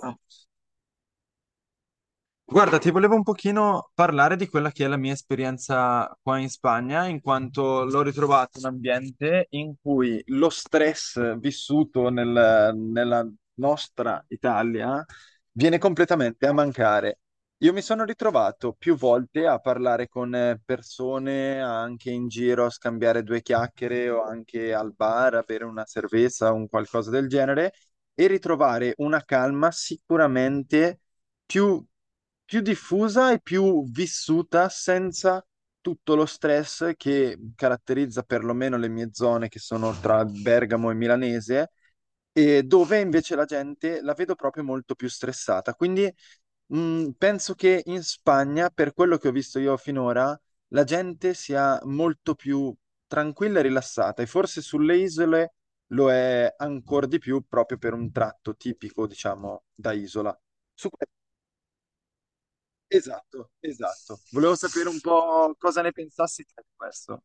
Ah. Guarda, ti volevo un pochino parlare di quella che è la mia esperienza qua in Spagna, in quanto l'ho ritrovato un ambiente in cui lo stress vissuto nella nostra Italia viene completamente a mancare. Io mi sono ritrovato più volte a parlare con persone anche in giro, a scambiare due chiacchiere o anche al bar, a bere una cerveza o un qualcosa del genere e ritrovare una calma sicuramente più, più diffusa e più vissuta senza tutto lo stress che caratterizza perlomeno le mie zone che sono tra Bergamo e Milanese. E dove invece la gente la vedo proprio molto più stressata. Quindi penso che in Spagna, per quello che ho visto io finora, la gente sia molto più tranquilla e rilassata, e forse sulle isole lo è ancora di più proprio per un tratto tipico, diciamo, da isola. Su. Esatto, esatto. Volevo sapere un po' cosa ne pensassi te di questo.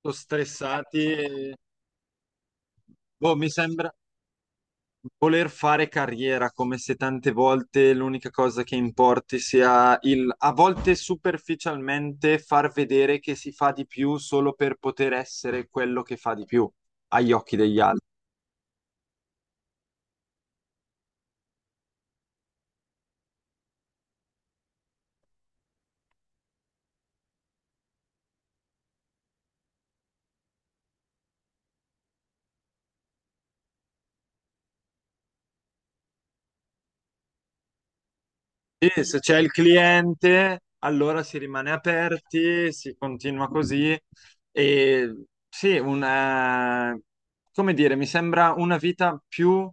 Sono stressati e boh, mi sembra voler fare carriera, come se tante volte l'unica cosa che importi sia il, a volte superficialmente, far vedere che si fa di più solo per poter essere quello che fa di più agli occhi degli altri. E se c'è il cliente, allora si rimane aperti, si continua così. E sì, un come dire, mi sembra una vita più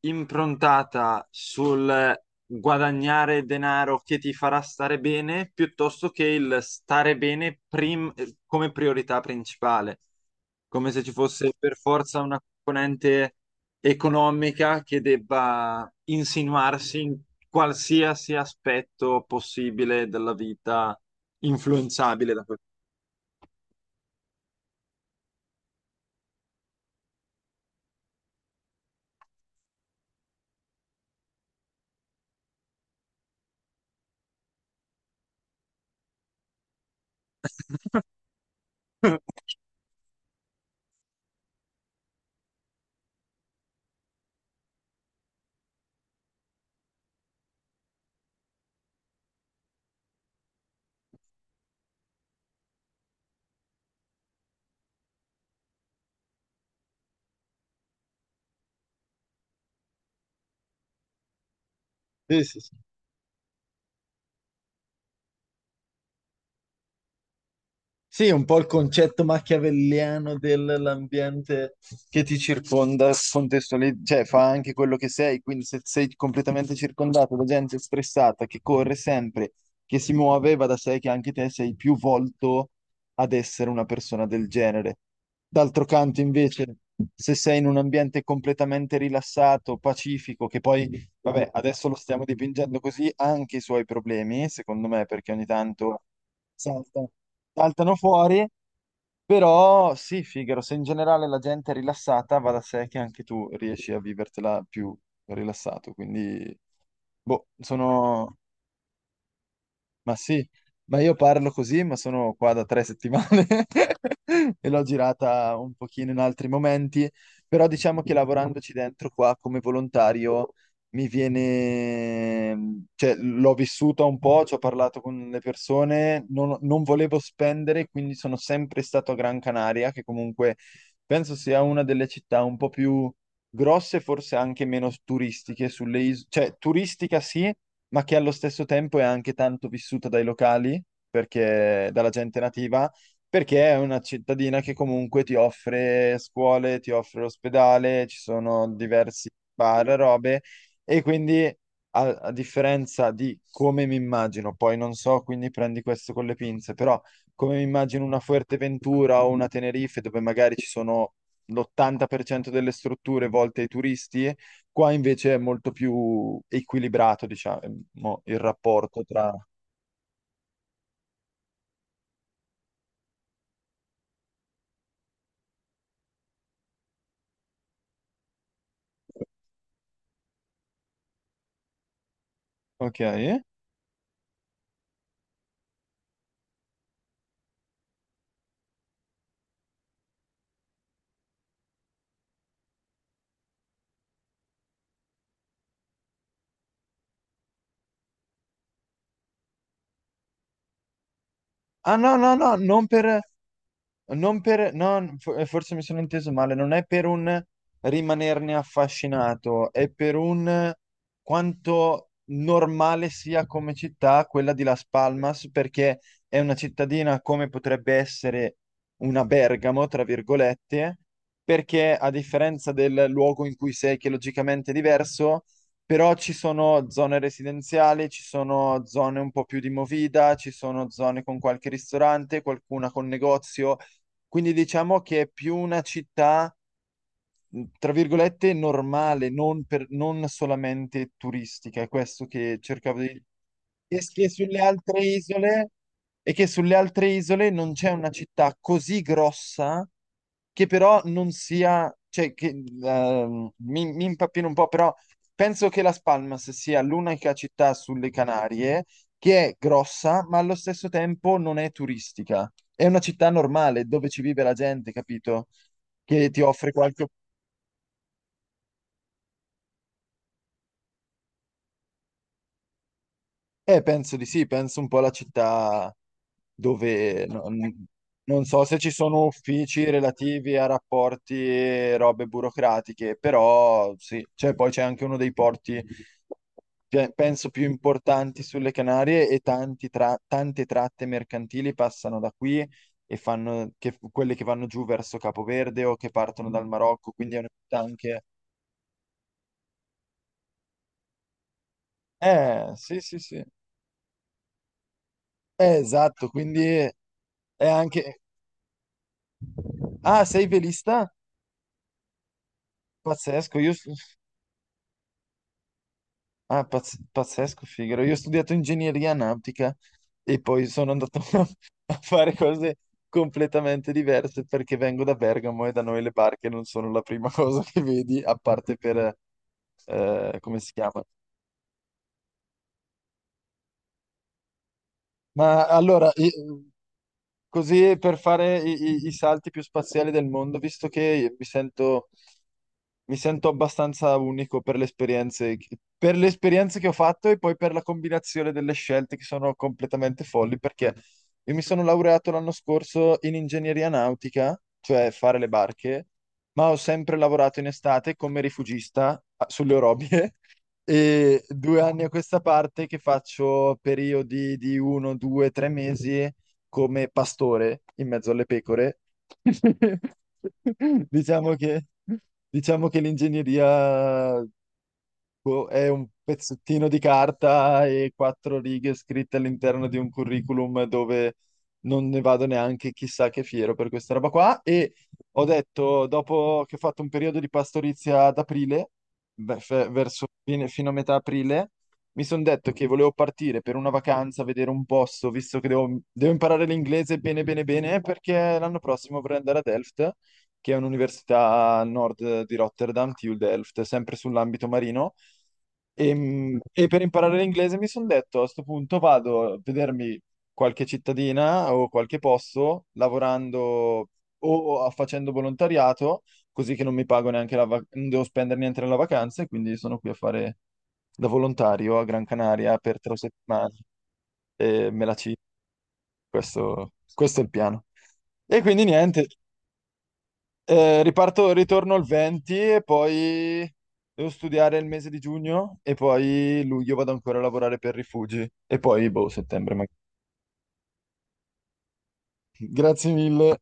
improntata sul guadagnare denaro che ti farà stare bene, piuttosto che il stare bene come priorità principale, come se ci fosse per forza una componente economica che debba insinuarsi in qualsiasi aspetto possibile della vita influenzabile da questo. Sì, sì, sì. Sì, un po' il concetto machiavelliano dell'ambiente che ti circonda, cioè fa anche quello che sei, quindi se sei completamente circondato da gente stressata, che corre sempre, che si muove, va da sé che anche te sei più volto ad essere una persona del genere. D'altro canto, invece, se sei in un ambiente completamente rilassato, pacifico, che poi, vabbè, adesso lo stiamo dipingendo così, ha anche i suoi problemi, secondo me, perché ogni tanto saltano, saltano fuori, però sì, Figaro, se in generale la gente è rilassata, va da sé che anche tu riesci a vivertela più rilassato, quindi boh, sono ma sì, ma io parlo così, ma sono qua da 3 settimane e l'ho girata un pochino in altri momenti, però diciamo che lavorandoci dentro qua come volontario mi viene, cioè l'ho vissuta un po', ci ho parlato con le persone, non volevo spendere, quindi sono sempre stato a Gran Canaria, che comunque penso sia una delle città un po' più grosse, forse anche meno turistiche sulle isole, cioè turistica sì ma che allo stesso tempo è anche tanto vissuta dai locali, perché, dalla gente nativa, perché è una cittadina che comunque ti offre scuole, ti offre l'ospedale, ci sono diversi bar, robe, e quindi a differenza di come mi immagino, poi non so, quindi prendi questo con le pinze, però come mi immagino una Fuerteventura o una Tenerife dove magari ci sono l'80% delle strutture volte ai turisti. Qua invece è molto più equilibrato, diciamo, il rapporto tra... Ok. Ah no, no, no, non per... Forse mi sono inteso male, non è per un rimanerne affascinato, è per un quanto normale sia come città quella di Las Palmas, perché è una cittadina come potrebbe essere una Bergamo, tra virgolette, perché a differenza del luogo in cui sei, che logicamente è diverso, però ci sono zone residenziali, ci sono zone un po' più di movida, ci sono zone con qualche ristorante, qualcuna con negozio quindi diciamo che è più una città tra virgolette, normale, non, non solamente turistica. È questo che cercavo di... E che sulle altre isole, e che sulle altre isole non c'è una città così grossa che però non sia... Cioè, che, mi impappino un po', però penso che Las Palmas sia l'unica città sulle Canarie che è grossa, ma allo stesso tempo non è turistica. È una città normale dove ci vive la gente, capito? Che ti offre qualche penso di sì, penso un po' alla città dove non so se ci sono uffici relativi a rapporti e robe burocratiche, però sì, cioè, poi c'è anche uno dei porti, penso, più importanti sulle Canarie e tanti tante tratte mercantili passano da qui e fanno quelle che vanno giù verso Capoverde o che partono dal Marocco, quindi è una città anche... sì, sì, sì. Esatto, quindi è anche Ah, sei velista? Pazzesco, io... Ah, pazzesco, Figaro. Io ho studiato ingegneria nautica e poi sono andato a fare cose completamente diverse perché vengo da Bergamo e da noi le barche non sono la prima cosa che vedi, a parte per... come si chiama? Ma allora, così per fare i salti più spaziali del mondo, visto che mi sento abbastanza unico per le esperienze, per le esperienze che ho fatto e poi per la combinazione delle scelte che sono completamente folli, perché io mi sono laureato l'anno scorso in ingegneria nautica, cioè fare le barche, ma ho sempre lavorato in estate come rifugista sulle orobie. E 2 anni a questa parte che faccio periodi di uno, due, tre mesi come pastore in mezzo alle pecore. Diciamo che, diciamo che l'ingegneria boh, è un pezzettino di carta e quattro righe scritte all'interno di un curriculum dove non ne vado neanche chissà che fiero per questa roba qua. E ho detto, dopo che ho fatto un periodo di pastorizia ad aprile, beh, verso fino a metà aprile, mi sono detto che volevo partire per una vacanza, vedere un posto, visto che devo imparare l'inglese bene bene bene, perché l'anno prossimo vorrei andare a Delft che è un'università a nord di Rotterdam, TU Delft, sempre sull'ambito marino. E per imparare l'inglese mi sono detto a questo punto vado a vedermi qualche cittadina o qualche posto lavorando o facendo volontariato, così che non mi pago neanche la vacanza, non devo spendere niente nella vacanza e quindi sono qui a fare da volontario a Gran Canaria per 3 settimane e me la ci, questo è il piano. E quindi niente, riparto, ritorno il 20 e poi devo studiare il mese di giugno e poi luglio vado ancora a lavorare per rifugi e poi, boh, settembre magari. Grazie mille.